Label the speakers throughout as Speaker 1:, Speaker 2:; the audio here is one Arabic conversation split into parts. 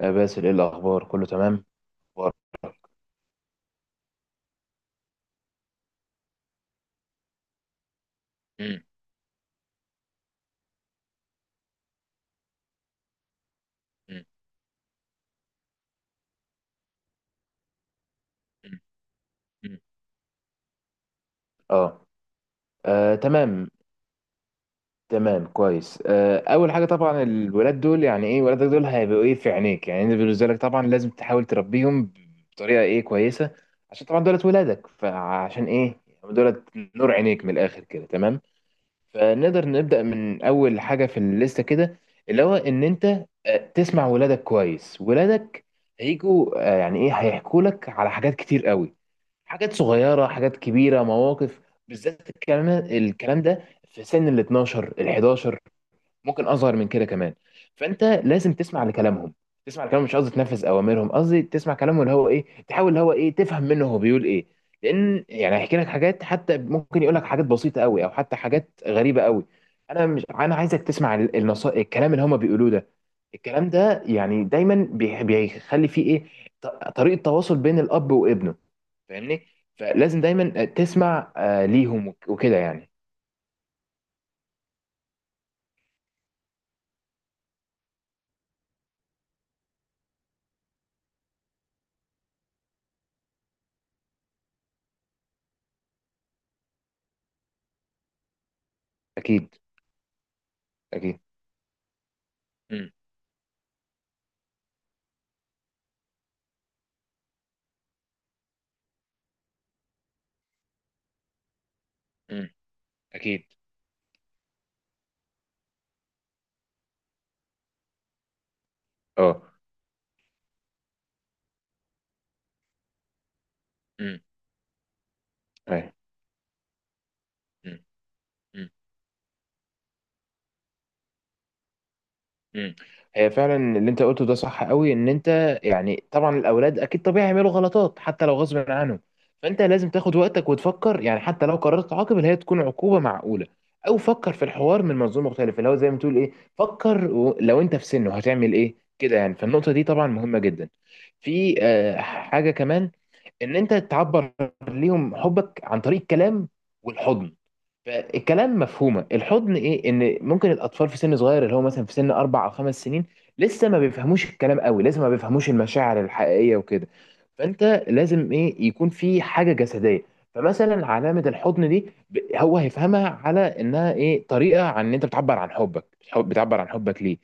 Speaker 1: باسل، ايه الاخبار؟ كله تمام؟ أخبار؟ مم. مم. مم. مم. اه. تمام، تمام، كويس. اول حاجه طبعا الولاد دول يعني ايه، ولادك دول هيبقوا ايه في عينيك، يعني انت بالنسبه لك طبعا لازم تحاول تربيهم بطريقه ايه كويسه. عشان طبعا دولت ولادك، فعشان ايه يعني دولت نور عينيك من الاخر كده تمام. فنقدر نبدا من اول حاجه في الليسته كده، اللي هو ان انت تسمع ولادك كويس. ولادك هيجوا، يعني ايه، هيحكوا لك على حاجات كتير قوي، حاجات صغيرة، حاجات كبيرة، مواقف، بالذات الكلام ده في سن ال 12، ال 11، ممكن أصغر من كده كمان. فأنت لازم تسمع لكلامهم، تسمع لكلامهم. مش قصدي تنفذ أوامرهم، قصدي تسمع كلامه، اللي هو إيه، تحاول اللي هو إيه تفهم منه هو بيقول إيه. لأن يعني هيحكي لك حاجات، حتى ممكن يقول لك حاجات بسيطة قوي أو حتى حاجات غريبة قوي. أنا مش أنا عايزك تسمع النصائح، الكلام اللي هما بيقولوه ده. الكلام ده يعني دايما بيخلي فيه إيه، ط- طريقة تواصل بين الأب وابنه، فاهمني. فلازم دايما تسمع ليهم وكده يعني. اكيد. اكيد. امم. امم. اكيد. اه. امم. أيوة. امم. امم. امم. هي فعلا اللي انت قلته ده صح قوي، ان انت يعني طبعا الاولاد اكيد طبيعي يعملوا غلطات حتى لو غصب عنهم. فانت لازم تاخد وقتك وتفكر، يعني حتى لو قررت تعاقب اللي هي تكون عقوبه معقوله. او فكر في الحوار من منظور مختلف، اللي هو زي ما تقول ايه، فكر لو انت في سنه هتعمل ايه كده يعني. فالنقطه دي طبعا مهمه جدا. في حاجه كمان، ان انت تعبر ليهم حبك عن طريق الكلام والحضن. فالكلام مفهومه، الحضن ايه، ان ممكن الاطفال في سن صغير، اللي هو مثلا في سن اربع او خمس سنين، لسه ما بيفهموش الكلام قوي، لسه ما بيفهموش المشاعر الحقيقيه وكده. فانت لازم ايه، يكون في حاجه جسديه. فمثلا علامه الحضن دي هو هيفهمها على انها ايه، طريقه عن ان انت بتعبر عن حبك، بتعبر عن حبك ليه.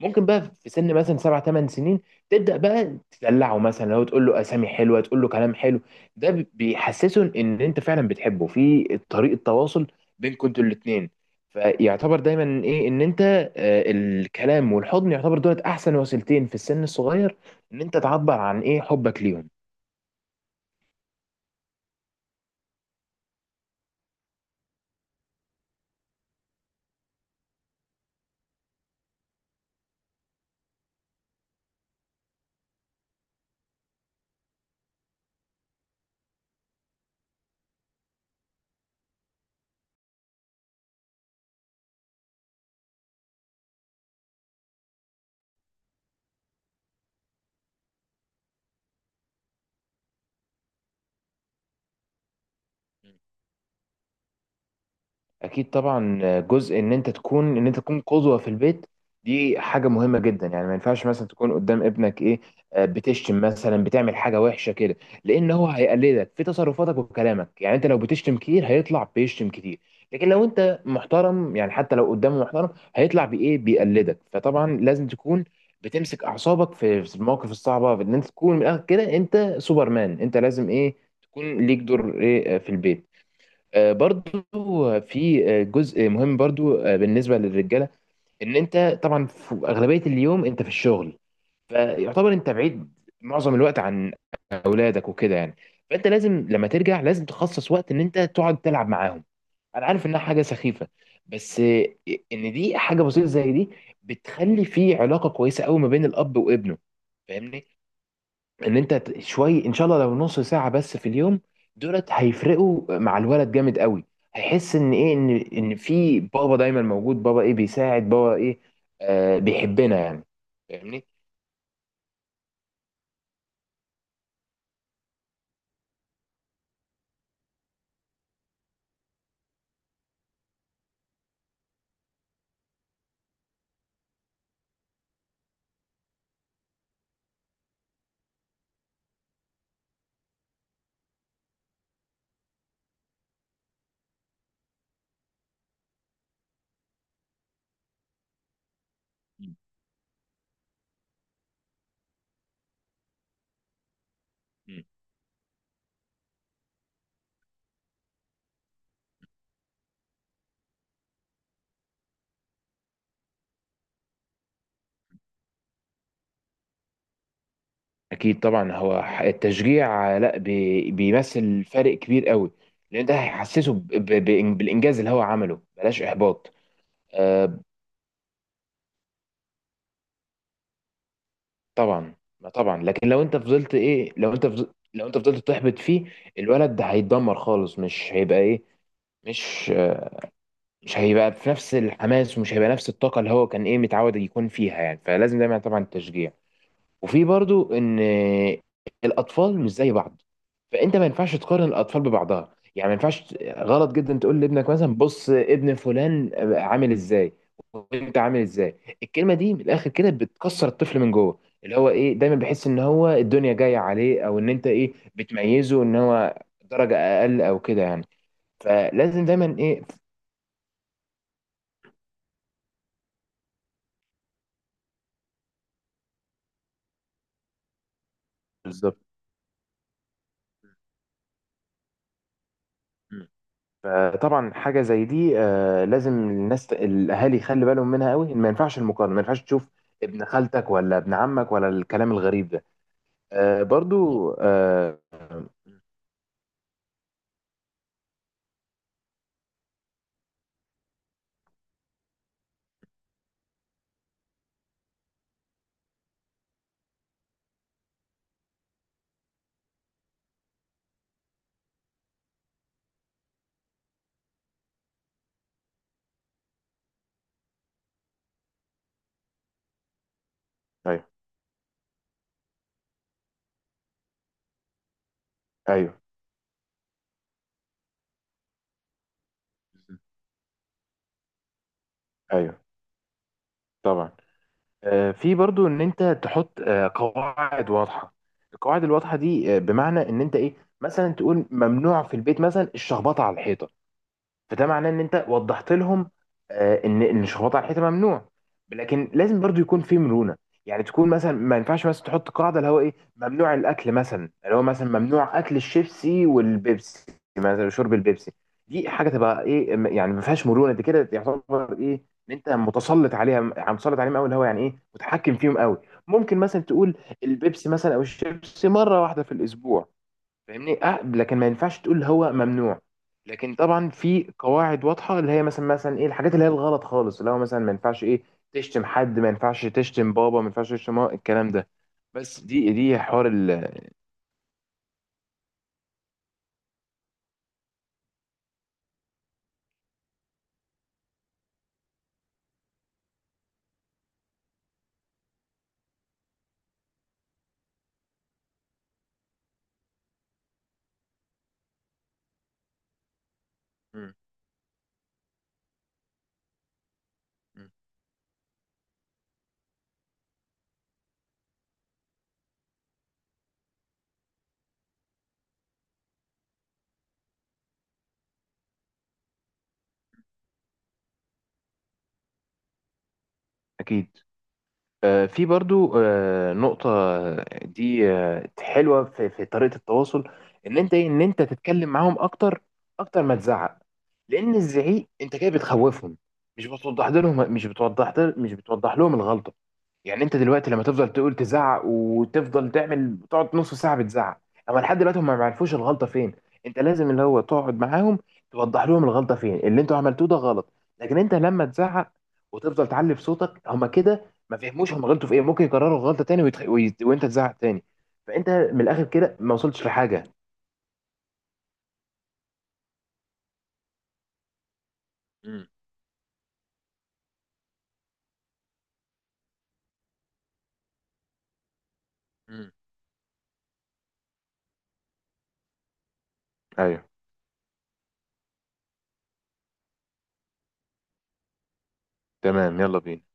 Speaker 1: ممكن بقى في سن مثلا سبع ثمان سنين تبدأ بقى تدلعه، مثلا لو تقول له أسامي حلوة، تقول له كلام حلو. ده بيحسسه إن أنت فعلا بتحبه، في طريقة تواصل بينكم انتوا الاتنين. فيعتبر دايما إيه، إن أنت الكلام والحضن يعتبر دولت أحسن وسيلتين في السن الصغير، إن أنت تعبر عن إيه حبك ليهم. اكيد طبعا. جزء ان انت تكون، ان انت تكون قدوه في البيت، دي حاجه مهمه جدا. يعني ما ينفعش مثلا تكون قدام ابنك ايه بتشتم، مثلا بتعمل حاجه وحشه كده، لان هو هيقلدك في تصرفاتك وكلامك. يعني انت لو بتشتم كتير هيطلع بيشتم كتير، لكن لو انت محترم يعني حتى لو قدامه محترم هيطلع بايه بيقلدك. فطبعا لازم تكون بتمسك اعصابك في المواقف الصعبه، في ان انت تكون من الاخر كده انت سوبرمان، انت لازم ايه، تكون ليك دور ايه في البيت. برضو في جزء مهم برضو بالنسبة للرجالة، ان انت طبعا في اغلبية اليوم انت في الشغل، فيعتبر انت بعيد معظم الوقت عن اولادك وكده يعني. فانت لازم لما ترجع لازم تخصص وقت ان انت تقعد تلعب معاهم. انا عارف انها حاجة سخيفة، بس ان دي حاجة بسيطة زي دي بتخلي في علاقة كويسة قوي ما بين الاب وابنه، فاهمني. ان انت شوي ان شاء الله لو نص ساعة بس في اليوم، دولت هيفرقوا مع الولد جامد قوي. هيحس ان ايه، ان ان في بابا دايما موجود، بابا ايه بيساعد، بابا ايه آه بيحبنا يعني، فاهمني. مم. مم. اكيد طبعا. هو التشجيع لا بيمثل فرق كبير قوي، لان ده هيحسسه بالانجاز اللي هو عمله، بلاش احباط. آه طبعا. ما طبعا، لكن لو انت فضلت ايه، لو انت فضلت تحبط فيه الولد ده هيتدمر خالص. مش هيبقى ايه، مش مش هيبقى في نفس الحماس، ومش هيبقى نفس الطاقة اللي هو كان ايه متعود يكون فيها يعني. فلازم دايما طبعا التشجيع. وفي برضو ان الاطفال مش زي بعض، فانت ما ينفعش تقارن الاطفال ببعضها. يعني ما ينفعش، غلط جدا، تقول لابنك مثلا بص ابن فلان عامل ازاي وانت عامل ازاي. الكلمة دي من الاخر كده بتكسر الطفل من جوه، اللي هو ايه، دايما بيحس ان هو الدنيا جاية عليه، او ان انت ايه بتميزه ان هو درجة اقل او كده يعني. فلازم دايما ايه. بالظبط. مم. فطبعا حاجه زي دي لازم الناس الاهالي يخلي بالهم منها قوي. ما ينفعش المقارنه، ما ينفعش تشوف ابن خالتك ولا ابن عمك ولا الكلام الغريب ده. مم. برضو ايوه. ايوه. بالظبط. ايوه. طبعا. في برضو ان انت تحط قواعد واضحه. القواعد الواضحه دي بمعنى ان انت ايه، مثلا تقول ممنوع في البيت مثلا الشخبطه على الحيطه. فده معناه ان انت وضحت لهم ان الشخبطه على الحيطه ممنوع. لكن لازم برضو يكون في مرونه. يعني تكون مثلا، ما ينفعش مثلا تحط قاعده اللي هو ايه ممنوع الاكل مثلا، اللي هو مثلا ممنوع اكل الشيبسي والبيبسي، مثلا شرب البيبسي. دي حاجه تبقى ايه يعني ما فيهاش مرونه، دي كده يعتبر ايه ان انت متسلط عليها، عم مسلط عليهم قوي، اللي هو يعني ايه متحكم فيهم قوي. ممكن مثلا تقول البيبسي مثلا او الشيبسي مره واحده في الاسبوع، فاهمني. اه. لكن ما ينفعش تقول هو ممنوع. لكن طبعا في قواعد واضحه اللي هي مثلا، مثلا ايه الحاجات اللي هي الغلط خالص، اللي هو مثلا ما ينفعش ايه تشتم حد، ما ينفعش تشتم بابا، ما ينفعش تشتم ماما، الكلام ده. بس دي حوار ال. مم. مم. اكيد. في برضو نقطه دي حلوه في, في طريقه التواصل، ان انت ايه، ان انت تتكلم معاهم اكتر، اكتر ما تزعق. لان الزعيق انت كده بتخوفهم، مش بتوضح لهم، مش بتوضح لهم الغلطه. يعني انت دلوقتي لما تفضل تقول تزعق وتفضل تعمل تقعد نص ساعه بتزعق، اما لحد دلوقتي هم ما يعرفوش الغلطه فين. انت لازم اللي هو تقعد معاهم، توضح لهم الغلطه فين، اللي انتوا عملتوه ده غلط. لكن انت لما تزعق وتفضل تعلي في صوتك، هم كده ما فهموش هم غلطوا في ايه، ممكن يكرروا الغلطه تاني وانت تزعق تاني. فانت من الاخر كده ما وصلتش لحاجه. امم. امم. ايوه. تمام، يلا بينا.